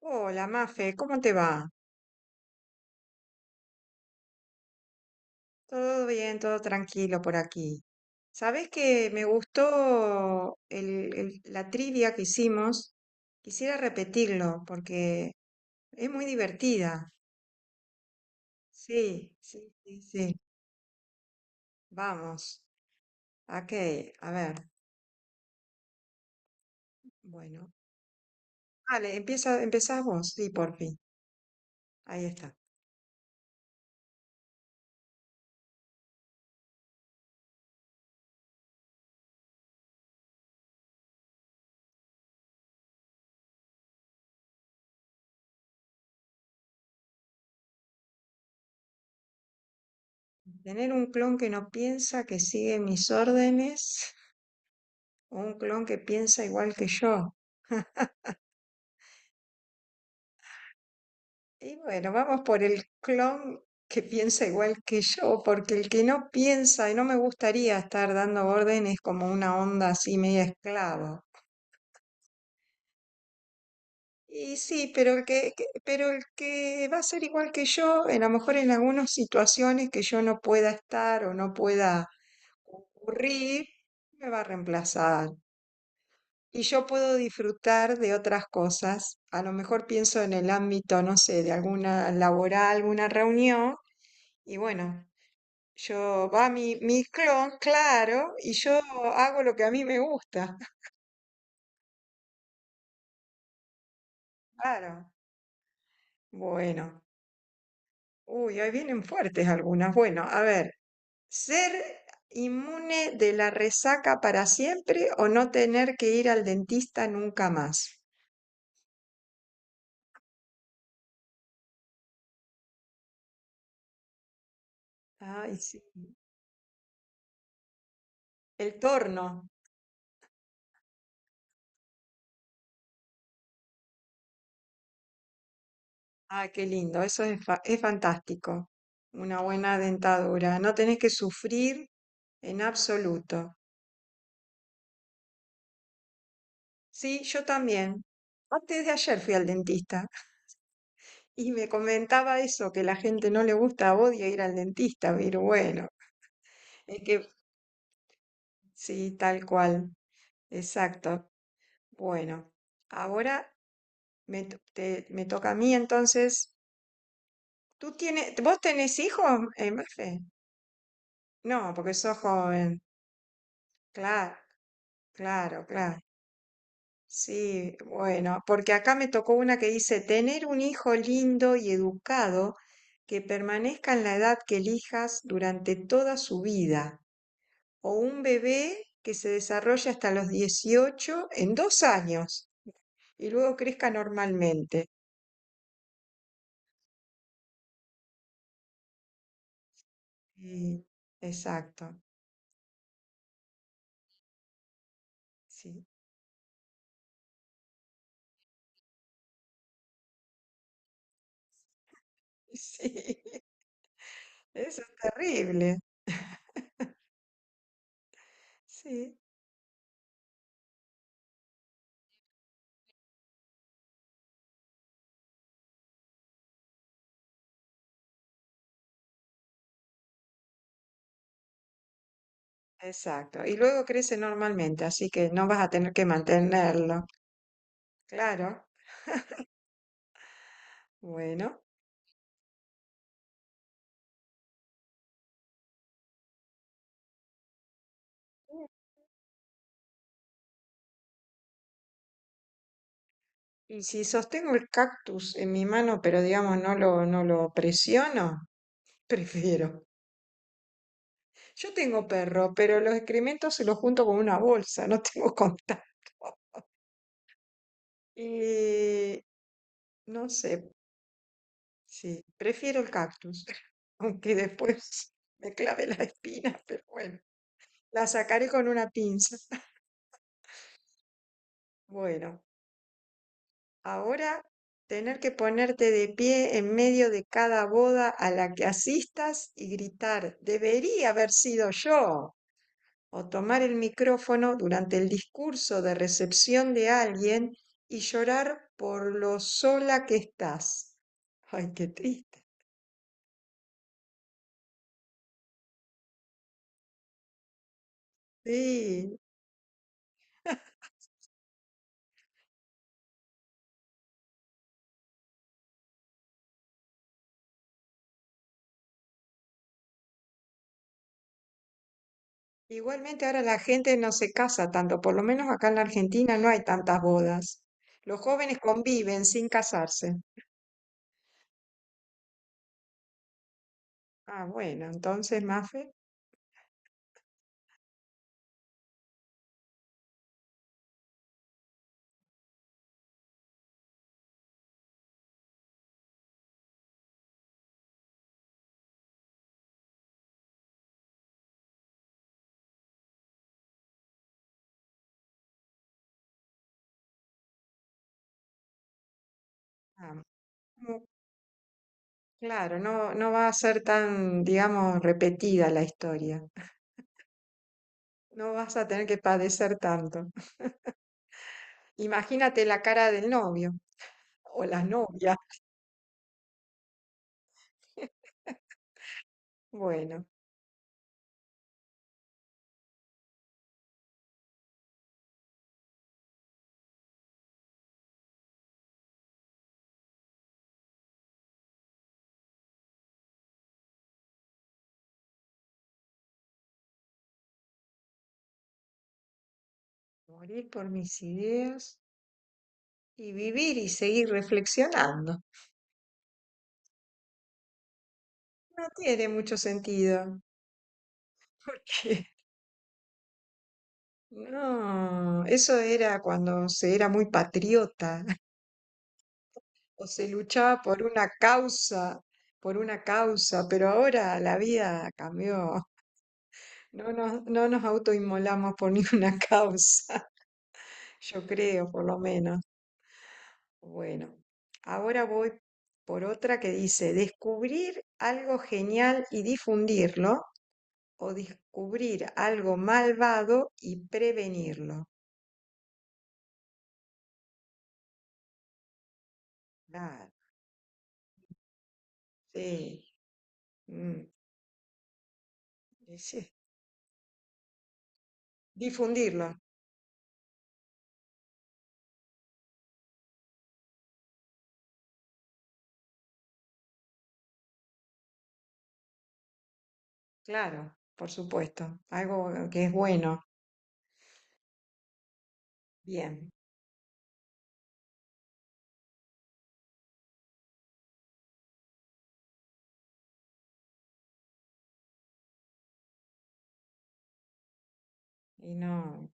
Hola, Mafe, ¿cómo te va? Todo bien, todo tranquilo por aquí. ¿Sabes que me gustó la trivia que hicimos? Quisiera repetirlo porque es muy divertida. Sí, sí, sí, sí. Vamos. Ok, a ver. Bueno. Vale, empieza, empezás vos. Sí, por fin. Ahí está. Tener un clon que no piensa, que sigue mis órdenes, o un clon que piensa igual que yo. Y bueno, vamos por el clon que piensa igual que yo, porque el que no piensa, y no me gustaría estar dando órdenes como una onda así media esclava. Y sí, pero pero el que va a ser igual que yo, a lo mejor en algunas situaciones que yo no pueda estar o no pueda ocurrir, me va a reemplazar. Y yo puedo disfrutar de otras cosas. A lo mejor pienso en el ámbito, no sé, de alguna laboral, alguna reunión. Y bueno, yo va mi clon, claro, y yo hago lo que a mí me gusta. Claro. Bueno. Uy, ahí vienen fuertes algunas. Bueno, a ver, ¿ser inmune de la resaca para siempre o no tener que ir al dentista nunca más? Ay, sí. El torno. Ah, qué lindo. Eso es, es fantástico. Una buena dentadura. No tenés que sufrir en absoluto. Sí, yo también. Antes de ayer fui al dentista. Y me comentaba eso, que la gente no le gusta, odia ir al dentista, pero bueno, es que sí, tal cual, exacto. Bueno, ahora me toca a mí entonces. ¿Tú tienes, vos tenés hijos, Mafe? No, porque sos joven. Claro, claro, claro. Sí, bueno, porque acá me tocó una que dice, tener un hijo lindo y educado que permanezca en la edad que elijas durante toda su vida, o un bebé que se desarrolla hasta los 18 en 2 años y luego crezca normalmente. Sí, exacto, sí, sí, eso es terrible. Sí, exacto. Y luego crece normalmente, así que no vas a tener que mantenerlo. Claro, bueno. Y si sostengo el cactus en mi mano, pero digamos no lo presiono, prefiero. Yo tengo perro, pero los excrementos se los junto con una bolsa, no tengo contacto. Y no sé, sí, prefiero el cactus, aunque después me clave la espina, pero bueno, la sacaré con una pinza. Bueno, ahora tener que ponerte de pie en medio de cada boda a la que asistas y gritar, debería haber sido yo, o tomar el micrófono durante el discurso de recepción de alguien y llorar por lo sola que estás. Ay, qué triste. Sí. Igualmente ahora la gente no se casa tanto, por lo menos acá en la Argentina no hay tantas bodas. Los jóvenes conviven sin casarse. Ah, bueno, entonces, Mafe, ah, mm, claro, no va a ser tan, digamos, repetida la historia. No vas a tener que padecer tanto. Imagínate la cara del novio o la novia. Bueno, morir por mis ideas y vivir y seguir reflexionando. No tiene mucho sentido, porque no, eso era cuando se era muy patriota o se luchaba por una causa, pero ahora la vida cambió. No nos autoinmolamos por ninguna causa, yo creo, por lo menos. Bueno, ahora voy por otra que dice, descubrir algo genial y difundirlo o descubrir algo malvado y prevenirlo. Claro. Sí, mm, y sí, difundirlo, claro, por supuesto, algo que es bueno, bien. Y no,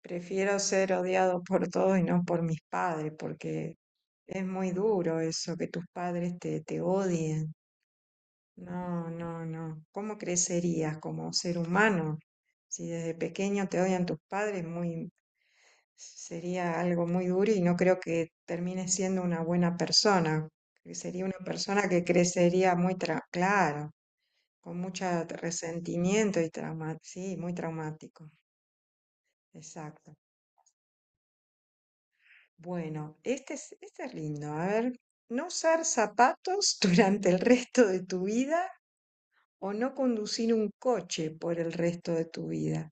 prefiero ser odiado por todos y no por mis padres, porque es muy duro eso, que tus padres te odien. No, no, no. ¿Cómo crecerías como ser humano? Si desde pequeño te odian tus padres, sería algo muy duro, y no creo que termines siendo una buena persona. Que sería una persona que crecería claro, con mucho resentimiento y trauma, sí, muy traumático. Exacto. Bueno, este es lindo. A ver, no usar zapatos durante el resto de tu vida o no conducir un coche por el resto de tu vida.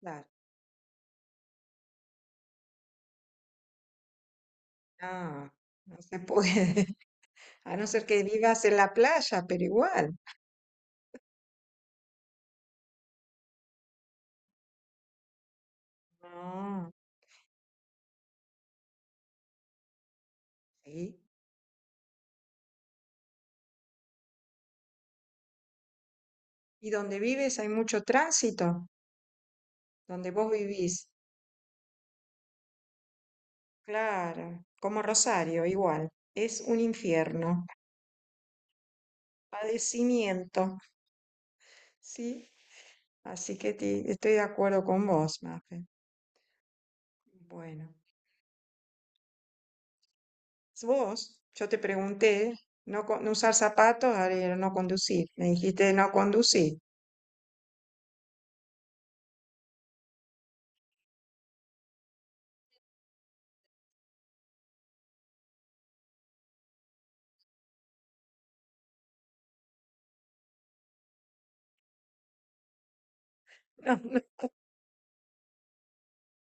Claro. No, no se puede. A no ser que vivas en la playa, pero igual. No, sí. ¿Y donde vives hay mucho tránsito? Donde vos vivís. Claro, como Rosario, igual. Es un infierno, padecimiento, ¿sí? Así que estoy de acuerdo con vos, Mafe. Bueno, vos, yo te pregunté, no, no usar zapatos, ahora era no conducir. Me dijiste no conducir.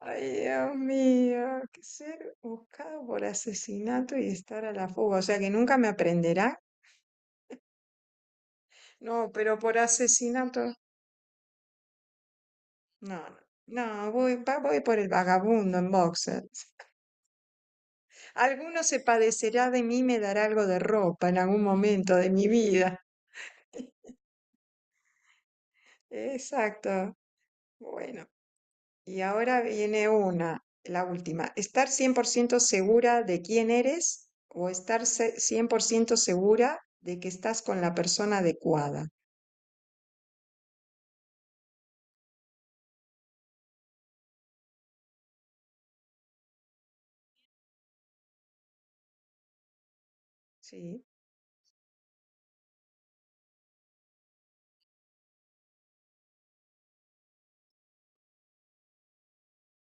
Ay, Dios mío, que ser buscado por asesinato y estar a la fuga, o sea que nunca me aprenderá. No, pero por asesinato, no, no, no, voy por el vagabundo en boxer. Alguno se padecerá de mí, me dará algo de ropa en algún momento de mi vida. Exacto. Bueno, y ahora viene una, la última. ¿Estar 100% segura de quién eres o estar 100% segura de que estás con la persona adecuada? Sí,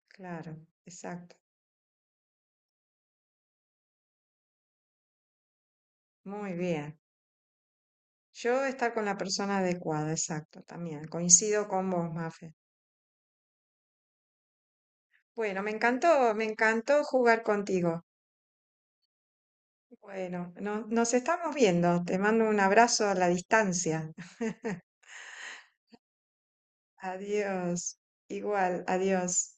claro, exacto. Muy bien. Yo estar con la persona adecuada, exacto, también. Coincido con vos, Mafe. Bueno, me encantó jugar contigo. Bueno, nos estamos viendo. Te mando un abrazo a la distancia. Adiós. Igual, adiós.